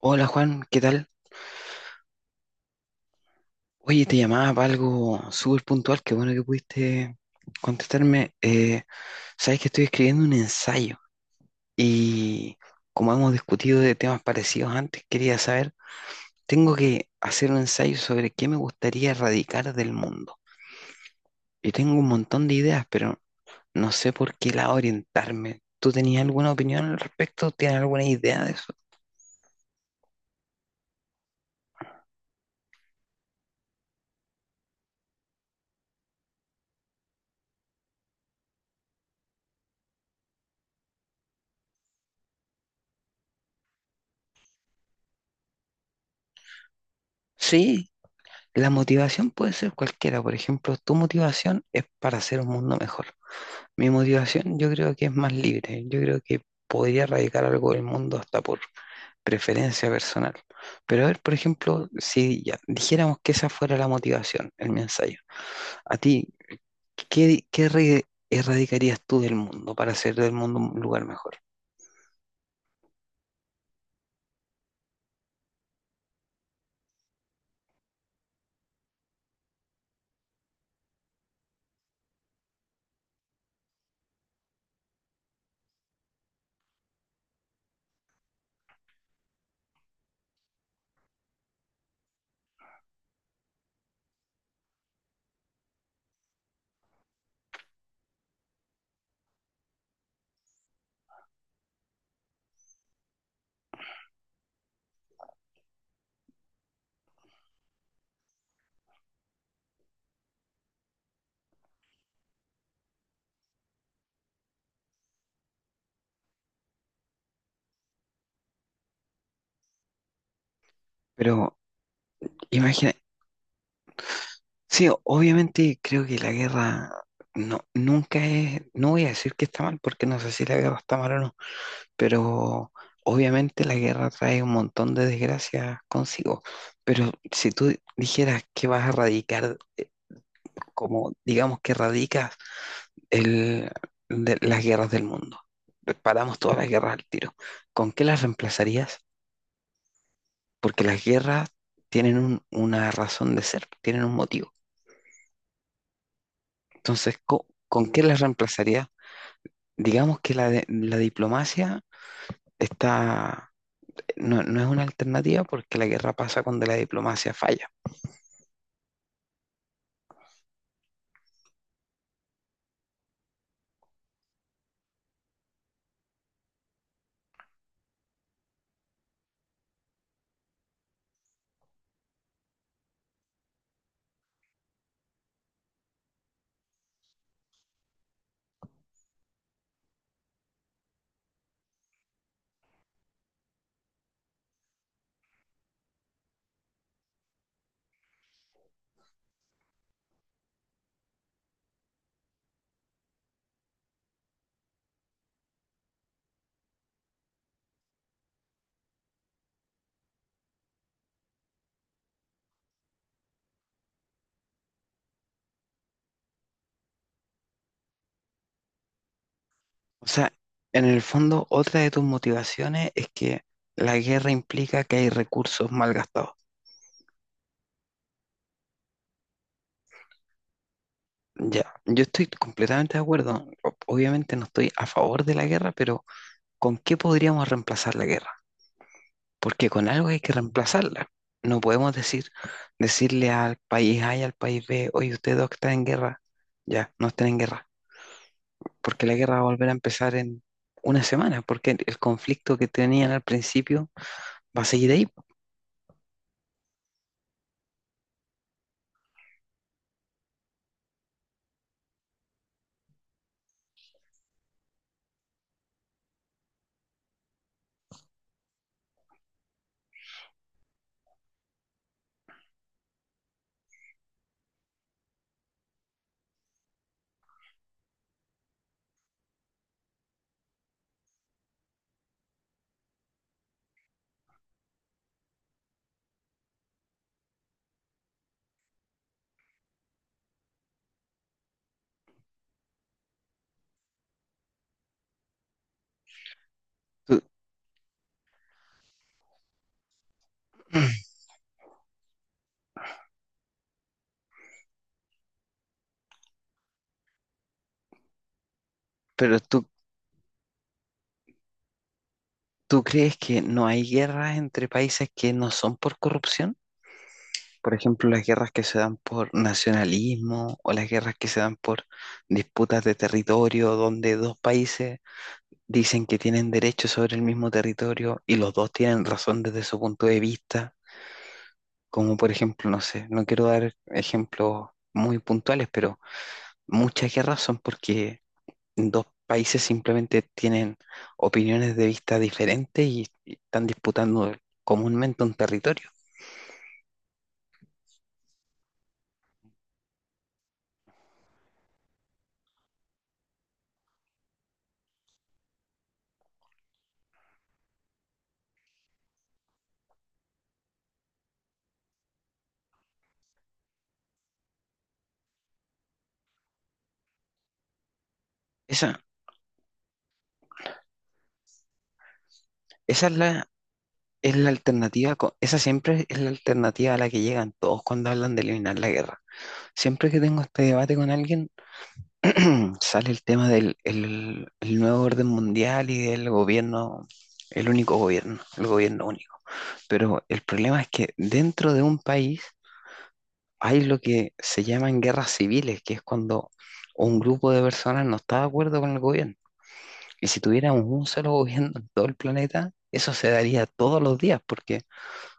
Hola Juan, ¿qué tal? Oye, te llamaba para algo súper puntual, qué bueno que pudiste contestarme. Sabes que estoy escribiendo un ensayo y como hemos discutido de temas parecidos antes, quería saber, tengo que hacer un ensayo sobre qué me gustaría erradicar del mundo. Y tengo un montón de ideas, pero no sé por qué lado orientarme. ¿Tú tenías alguna opinión al respecto? ¿Tienes alguna idea de eso? Sí, la motivación puede ser cualquiera. Por ejemplo, tu motivación es para hacer un mundo mejor. Mi motivación yo creo que es más libre, yo creo que podría erradicar algo del mundo hasta por preferencia personal. Pero a ver, por ejemplo, si ya dijéramos que esa fuera la motivación, el mensaje, a ti, ¿qué, qué re- erradicarías tú del mundo para hacer del mundo un lugar mejor? Pero imagina, sí, obviamente creo que la guerra no, nunca es, no voy a decir que está mal, porque no sé si la guerra está mal o no, pero obviamente la guerra trae un montón de desgracias consigo. Pero si tú dijeras que vas a erradicar, como digamos que erradicas el, las guerras del mundo, paramos todas las guerras al tiro, ¿con qué las reemplazarías? Porque las guerras una razón de ser, tienen un motivo. Entonces, ¿con qué las reemplazarías? Digamos que la diplomacia está, no es una alternativa porque la guerra pasa cuando la diplomacia falla. O sea, en el fondo, otra de tus motivaciones es que la guerra implica que hay recursos mal gastados. Ya, yo estoy completamente de acuerdo. Obviamente no estoy a favor de la guerra, pero ¿con qué podríamos reemplazar la guerra? Porque con algo hay que reemplazarla. No podemos decir, Decirle al país A y al país B, oye, ustedes dos que están en guerra, ya, no estén en guerra, porque la guerra va a volver a empezar en una semana, porque el conflicto que tenían al principio va a seguir ahí. Tú- Pero tú, ¿Tú crees que no hay guerras entre países que no son por corrupción? Por ejemplo, las guerras que se dan por nacionalismo o las guerras que se dan por disputas de territorio donde dos países dicen que tienen derecho sobre el mismo territorio y los dos tienen razón desde su punto de vista. Como por ejemplo, no sé, no quiero dar ejemplos muy puntuales, pero muchas guerras son porque dos países simplemente tienen opiniones de vista diferentes y están disputando comúnmente un territorio. Esa, esa es es la alternativa, esa siempre es la alternativa a la que llegan todos cuando hablan de eliminar la guerra. Siempre que tengo este debate con alguien, sale el tema del el nuevo orden mundial y del gobierno, el único gobierno, el gobierno único. Pero el problema es que dentro de un país hay lo que se llaman guerras civiles, que es cuando un grupo de personas no está de acuerdo con el gobierno. Y si tuviéramos un solo gobierno en todo el planeta, eso se daría todos los días, porque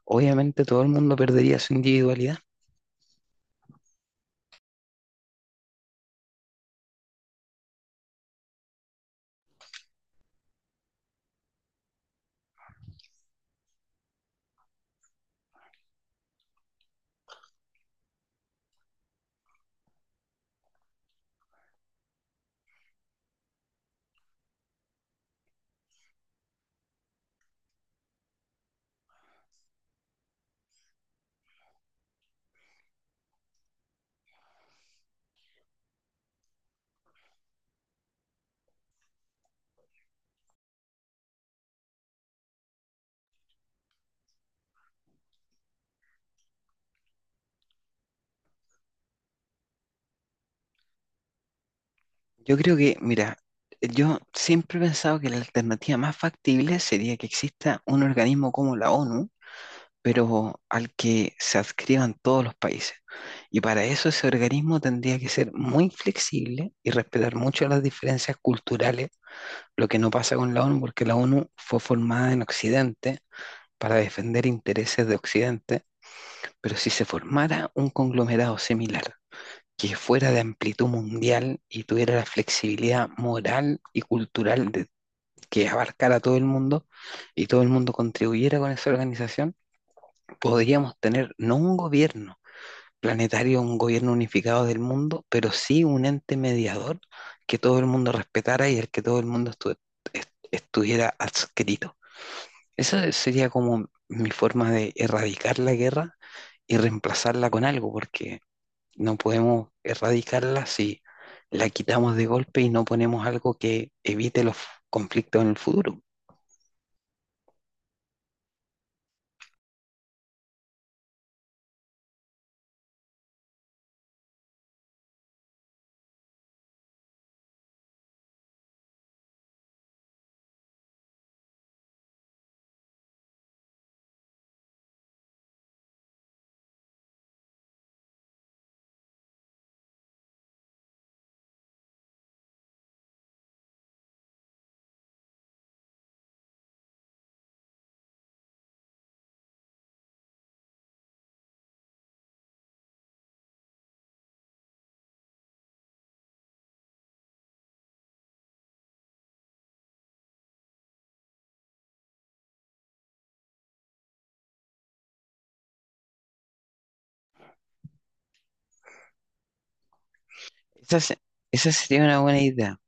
obviamente todo el mundo perdería su individualidad. Yo creo que, mira, yo siempre he pensado que la alternativa más factible sería que exista un organismo como la ONU, pero al que se adscriban todos los países. Y para eso ese organismo tendría que ser muy flexible y respetar mucho las diferencias culturales, lo que no pasa con la ONU, porque la ONU fue formada en Occidente para defender intereses de Occidente, pero si se formara un conglomerado similar, que fuera de amplitud mundial y tuviera la flexibilidad moral y cultural de, que abarcara todo el mundo y todo el mundo contribuyera con esa organización, podríamos tener no un gobierno planetario, un gobierno unificado del mundo, pero sí un ente mediador que todo el mundo respetara y al que todo el mundo estuviera adscrito. Esa sería como mi forma de erradicar la guerra y reemplazarla con algo, porque no podemos erradicarla si la quitamos de golpe y no ponemos algo que evite los conflictos en el futuro. Esa, se- esa sería una buena idea.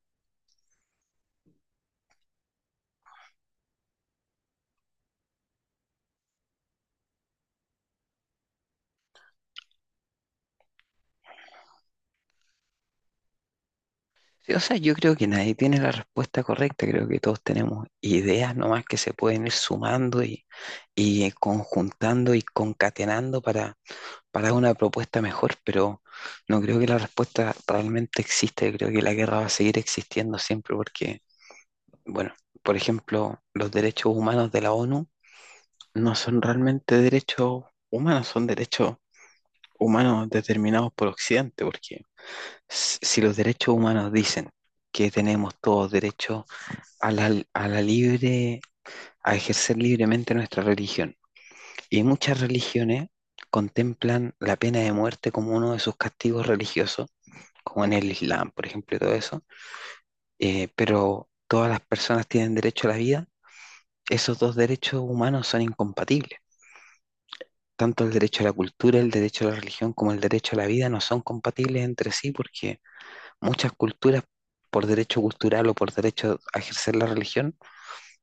Sí, o sea, yo creo que nadie tiene la respuesta correcta, creo que todos tenemos ideas nomás que se pueden ir sumando y conjuntando y concatenando para una propuesta mejor, pero no creo que la respuesta realmente exista. Yo creo que la guerra va a seguir existiendo siempre porque, bueno, por ejemplo, los derechos humanos de la ONU no son realmente derechos humanos, son derechos humanos determinados por Occidente, porque si los derechos humanos dicen que tenemos todos derecho a a la libre, a ejercer libremente nuestra religión, y muchas religiones contemplan la pena de muerte como uno de sus castigos religiosos, como en el Islam, por ejemplo, y todo eso, pero todas las personas tienen derecho a la vida, esos dos derechos humanos son incompatibles. Tanto el derecho a la cultura, el derecho a la religión, como el derecho a la vida no son compatibles entre sí porque muchas culturas, por derecho cultural o por derecho a ejercer la religión,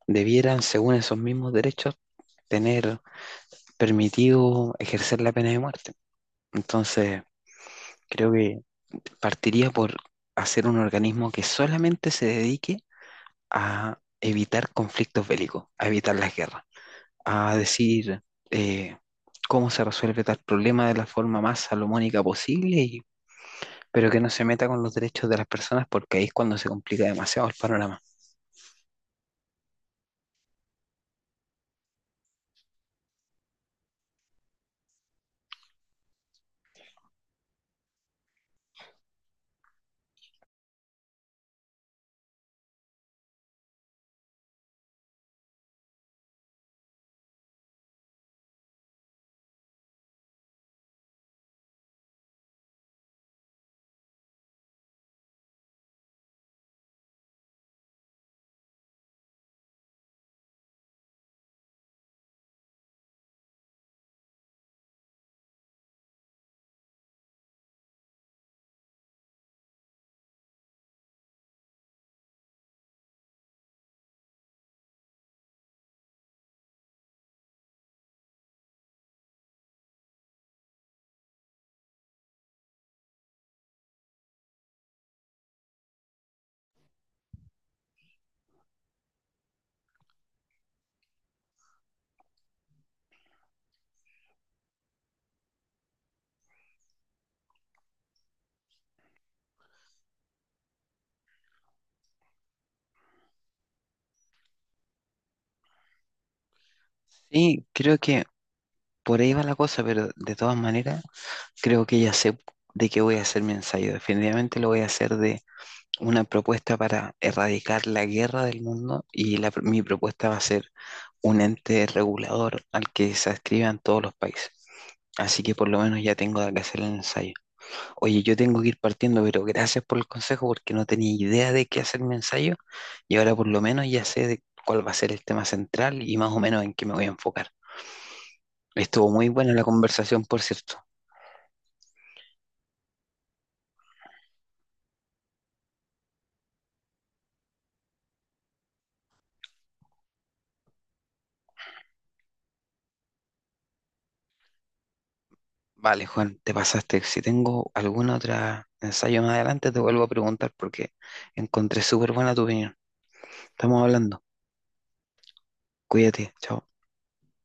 debieran, según esos mismos derechos, tener permitido ejercer la pena de muerte. Entonces, creo que partiría por hacer un organismo que solamente se dedique a evitar conflictos bélicos, a evitar las guerras, a decir eh, cómo se resuelve tal problema de la forma más salomónica posible, pero que no se meta con los derechos de las personas porque ahí es cuando se complica demasiado el panorama. Sí, creo que por ahí va la cosa, pero de todas maneras creo que ya sé de qué voy a hacer mi ensayo. Definitivamente lo voy a hacer de una propuesta para erradicar la guerra del mundo y mi propuesta va a ser un ente regulador al que se adscriban todos los países. Así que por lo menos ya tengo de qué hacer el ensayo. Oye, yo tengo que ir partiendo, pero gracias por el consejo porque no tenía idea de qué hacer mi ensayo y ahora por lo menos ya sé de cuál va a ser el tema central y más o menos en qué me voy a enfocar. Estuvo muy buena la conversación, por cierto. Vale, Juan, te pasaste. Si tengo alguna otra ensayo más adelante, te vuelvo a preguntar porque encontré súper buena tu opinión. Estamos hablando. Cuídate. Chao.